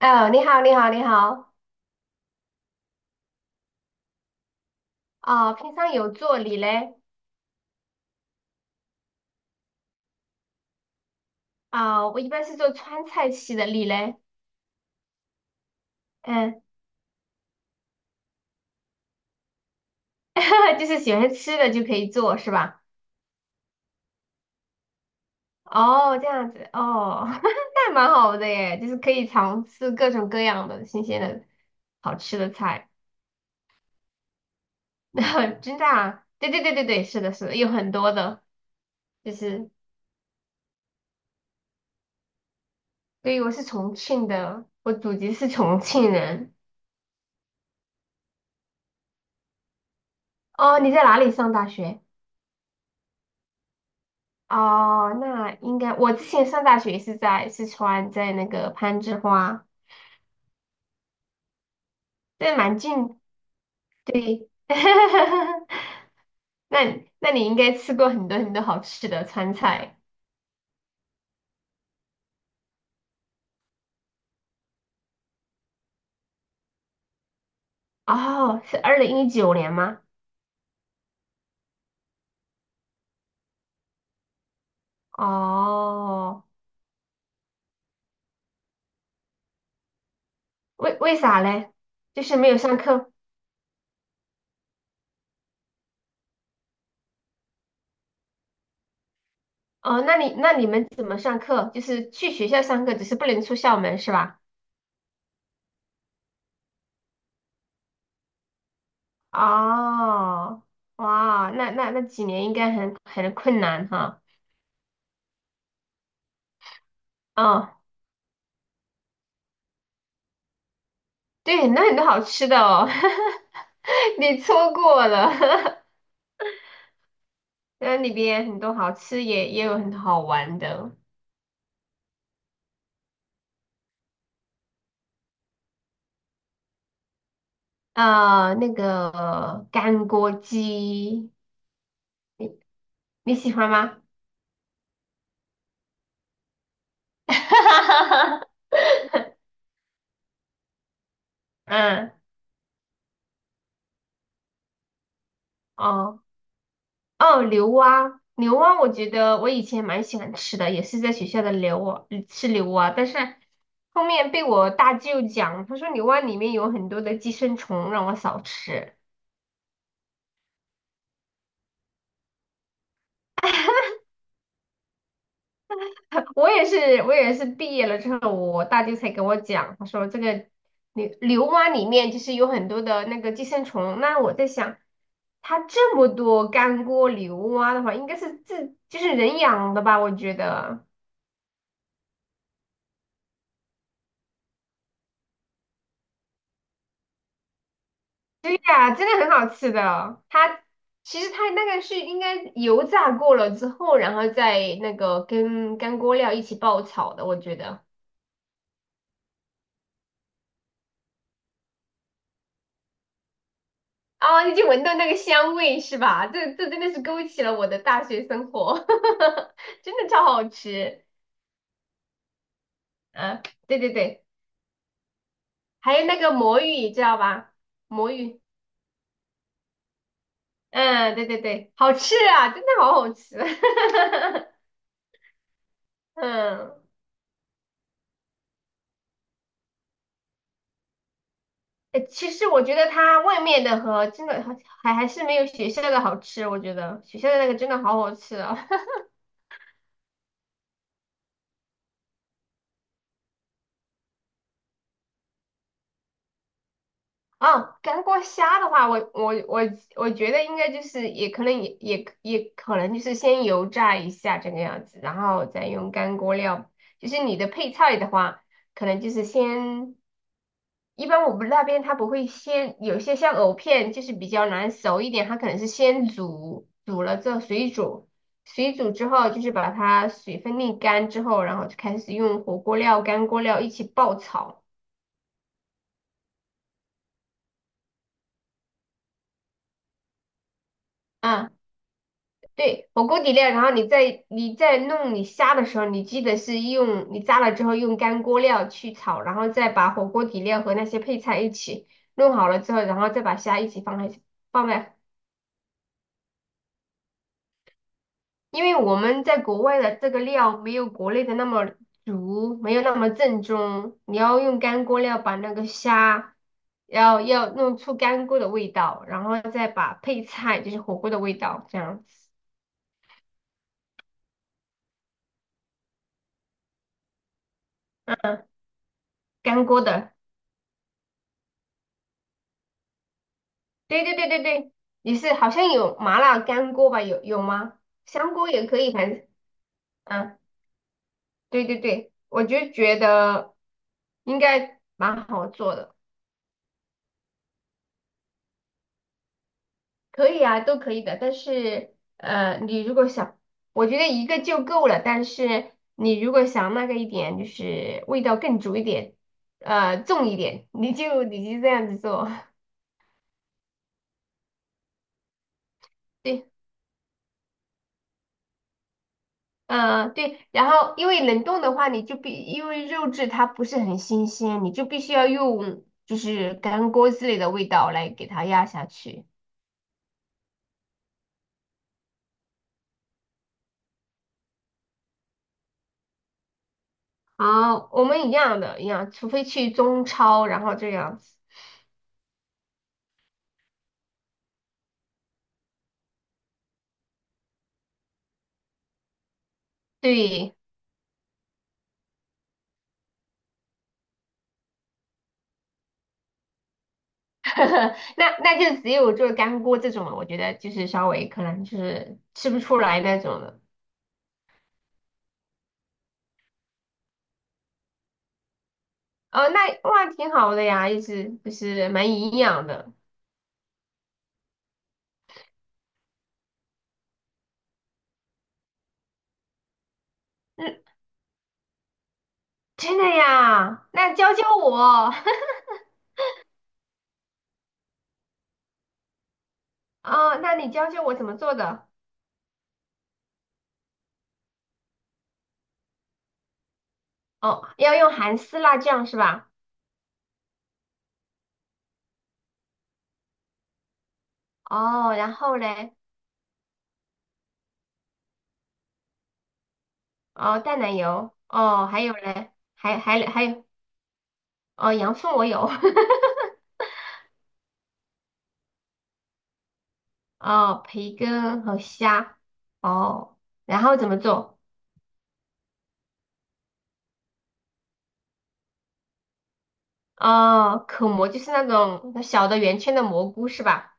哦，你好，你好，你好。哦，平常有做。你嘞？啊、我一般是做川菜系的。你嘞？嗯，就是喜欢吃的就可以做，是吧？哦，这样子，哦，那蛮好的耶，就是可以尝试各种各样的新鲜的好吃的菜。真的啊？对对对对对，是的，是的，有很多的，就是，对，我是重庆的，我祖籍是重庆人。哦，你在哪里上大学？哦，那应该我之前上大学是在四川，在那个攀枝花，对，蛮近，对。那你应该吃过很多很多好吃的川菜。哦，是2019年吗？哦，为啥嘞？就是没有上课。哦，那你们怎么上课？就是去学校上课，只是不能出校门是吧？哦，哇，那那几年应该很困难哈。哦。对，那很多好吃的哦，你错过了，那里边很多好吃也有很多好玩的，那个干锅鸡，你你喜欢吗？嗯，哦哦，牛蛙，牛蛙，我觉得我以前蛮喜欢吃的，也是在学校的牛蛙吃牛蛙，但是后面被我大舅讲，他说牛蛙里面有很多的寄生虫，让我少吃。我也是，我也是毕业了之后，我大舅才跟我讲，他说这个牛蛙里面就是有很多的那个寄生虫。那我在想，它这么多干锅牛蛙的话，应该是自就是人养的吧？我觉得，对呀，真的很好吃的。它其实它那个是应该油炸过了之后，然后再那个跟干锅料一起爆炒的，我觉得。啊，你就闻到那个香味是吧？这这真的是勾起了我的大学生活，真的超好吃。嗯、对对对，还有那个魔芋，你知道吧？魔芋，嗯，对对对，好吃啊，真的好好吃。嗯，诶其实我觉得它外面的和真的还是没有学校的好吃，我觉得学校的那个真的好好吃啊。啊，干锅虾的话，我我觉得应该就是也可能也可能就是先油炸一下这个样子，然后再用干锅料。就是你的配菜的话，可能就是先，一般我们那边它不会先，有些像藕片就是比较难熟一点，它可能是先煮，煮了之后水煮，水煮之后就是把它水分沥干之后，然后就开始用火锅料、干锅料一起爆炒。啊。对，火锅底料，然后你在弄你虾的时候，你记得是用你炸了之后用干锅料去炒，然后再把火锅底料和那些配菜一起弄好了之后，然后再把虾一起放在放在，因为我们在国外的这个料没有国内的那么足，没有那么正宗，你要用干锅料把那个虾要弄出干锅的味道，然后再把配菜就是火锅的味道这样子。嗯，干锅的。对对对对对，也是，好像有麻辣干锅吧？有有吗？香锅也可以，反正嗯，对对对，我就觉得应该蛮好做的。可以啊，都可以的。但是你如果想，我觉得一个就够了。但是你如果想那个一点，就是味道更足一点，重一点，你就这样子做。对，嗯，对，然后因为冷冻的话，你就必因为肉质它不是很新鲜，你就必须要用就是干锅之类的味道来给它压下去。啊，我们一样的，一样，除非去中超，然后这样子。对，那那就只有做干锅这种了，我觉得就是稍微可能就是吃不出来那种的。哦，那哇，挺好的呀，意思就是蛮营养的。嗯，真的呀，那教教我。哦，那你教教我怎么做的？哦，要用韩式辣酱是吧？哦，然后嘞？哦，淡奶油，哦，还有嘞？还有，哦，洋葱我有，哦，培根和虾，哦，然后怎么做？哦，口蘑就是那种小的圆圈的蘑菇是吧？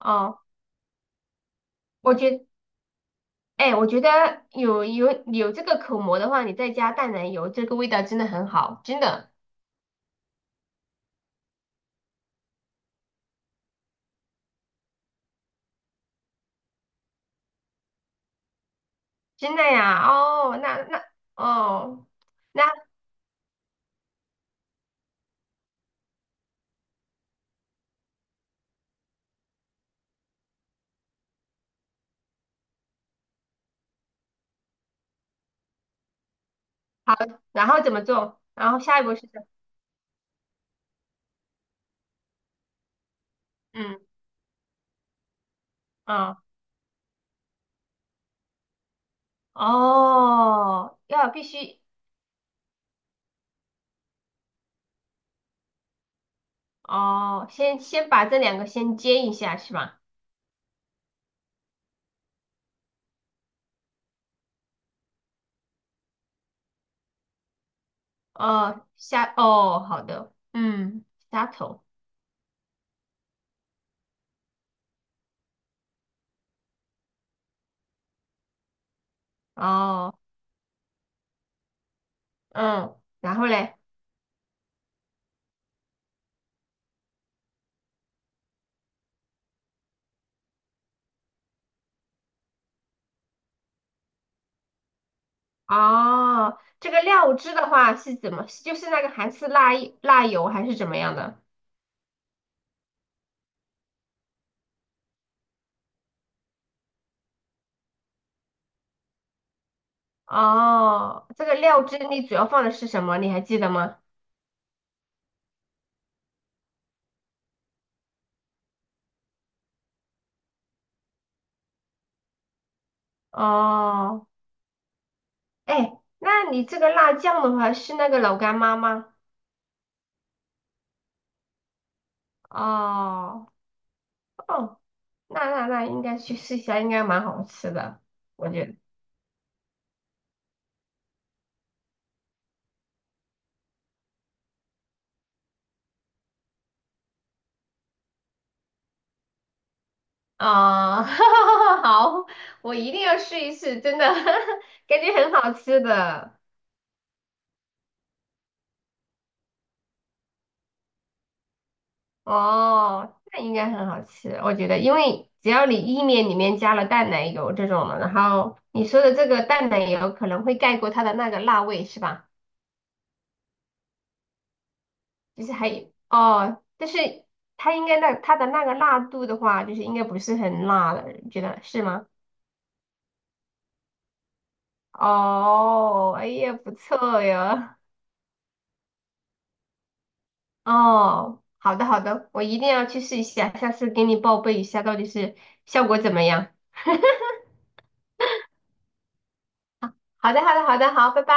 哦，我觉，哎，我觉得有这个口蘑的话，你再加淡奶油，这个味道真的很好，真的。真的呀？哦，那那哦，那好，然后怎么做？然后下一步是什么？嗯，哦哦，要必须哦，先把这两个先煎一下是吧？哦，虾哦，好的，嗯，虾头哦，嗯，然后嘞？哦，这个料汁的话是怎么？就是那个韩式辣辣油还是怎么样的？哦，这个料汁你主要放的是什么？你还记得吗？哦，哎，那你这个辣酱的话是那个老干妈吗？哦哦，那那那应该去试一下，应该蛮好吃的，我觉得。哦，好，我一定要试一试，真的，感觉很好吃的。哦，那应该很好吃，我觉得，因为只要你意面里面加了淡奶油这种的，然后你说的这个淡奶油可能会盖过它的那个辣味，是吧？就是还哦，但是它应该那它的那个辣度的话，就是应该不是很辣了，你觉得是吗？哦，哎呀，不错呀。哦，好的好的，我一定要去试一下，下次给你报备一下到底是效果怎么样。好的好的好的，好，拜拜。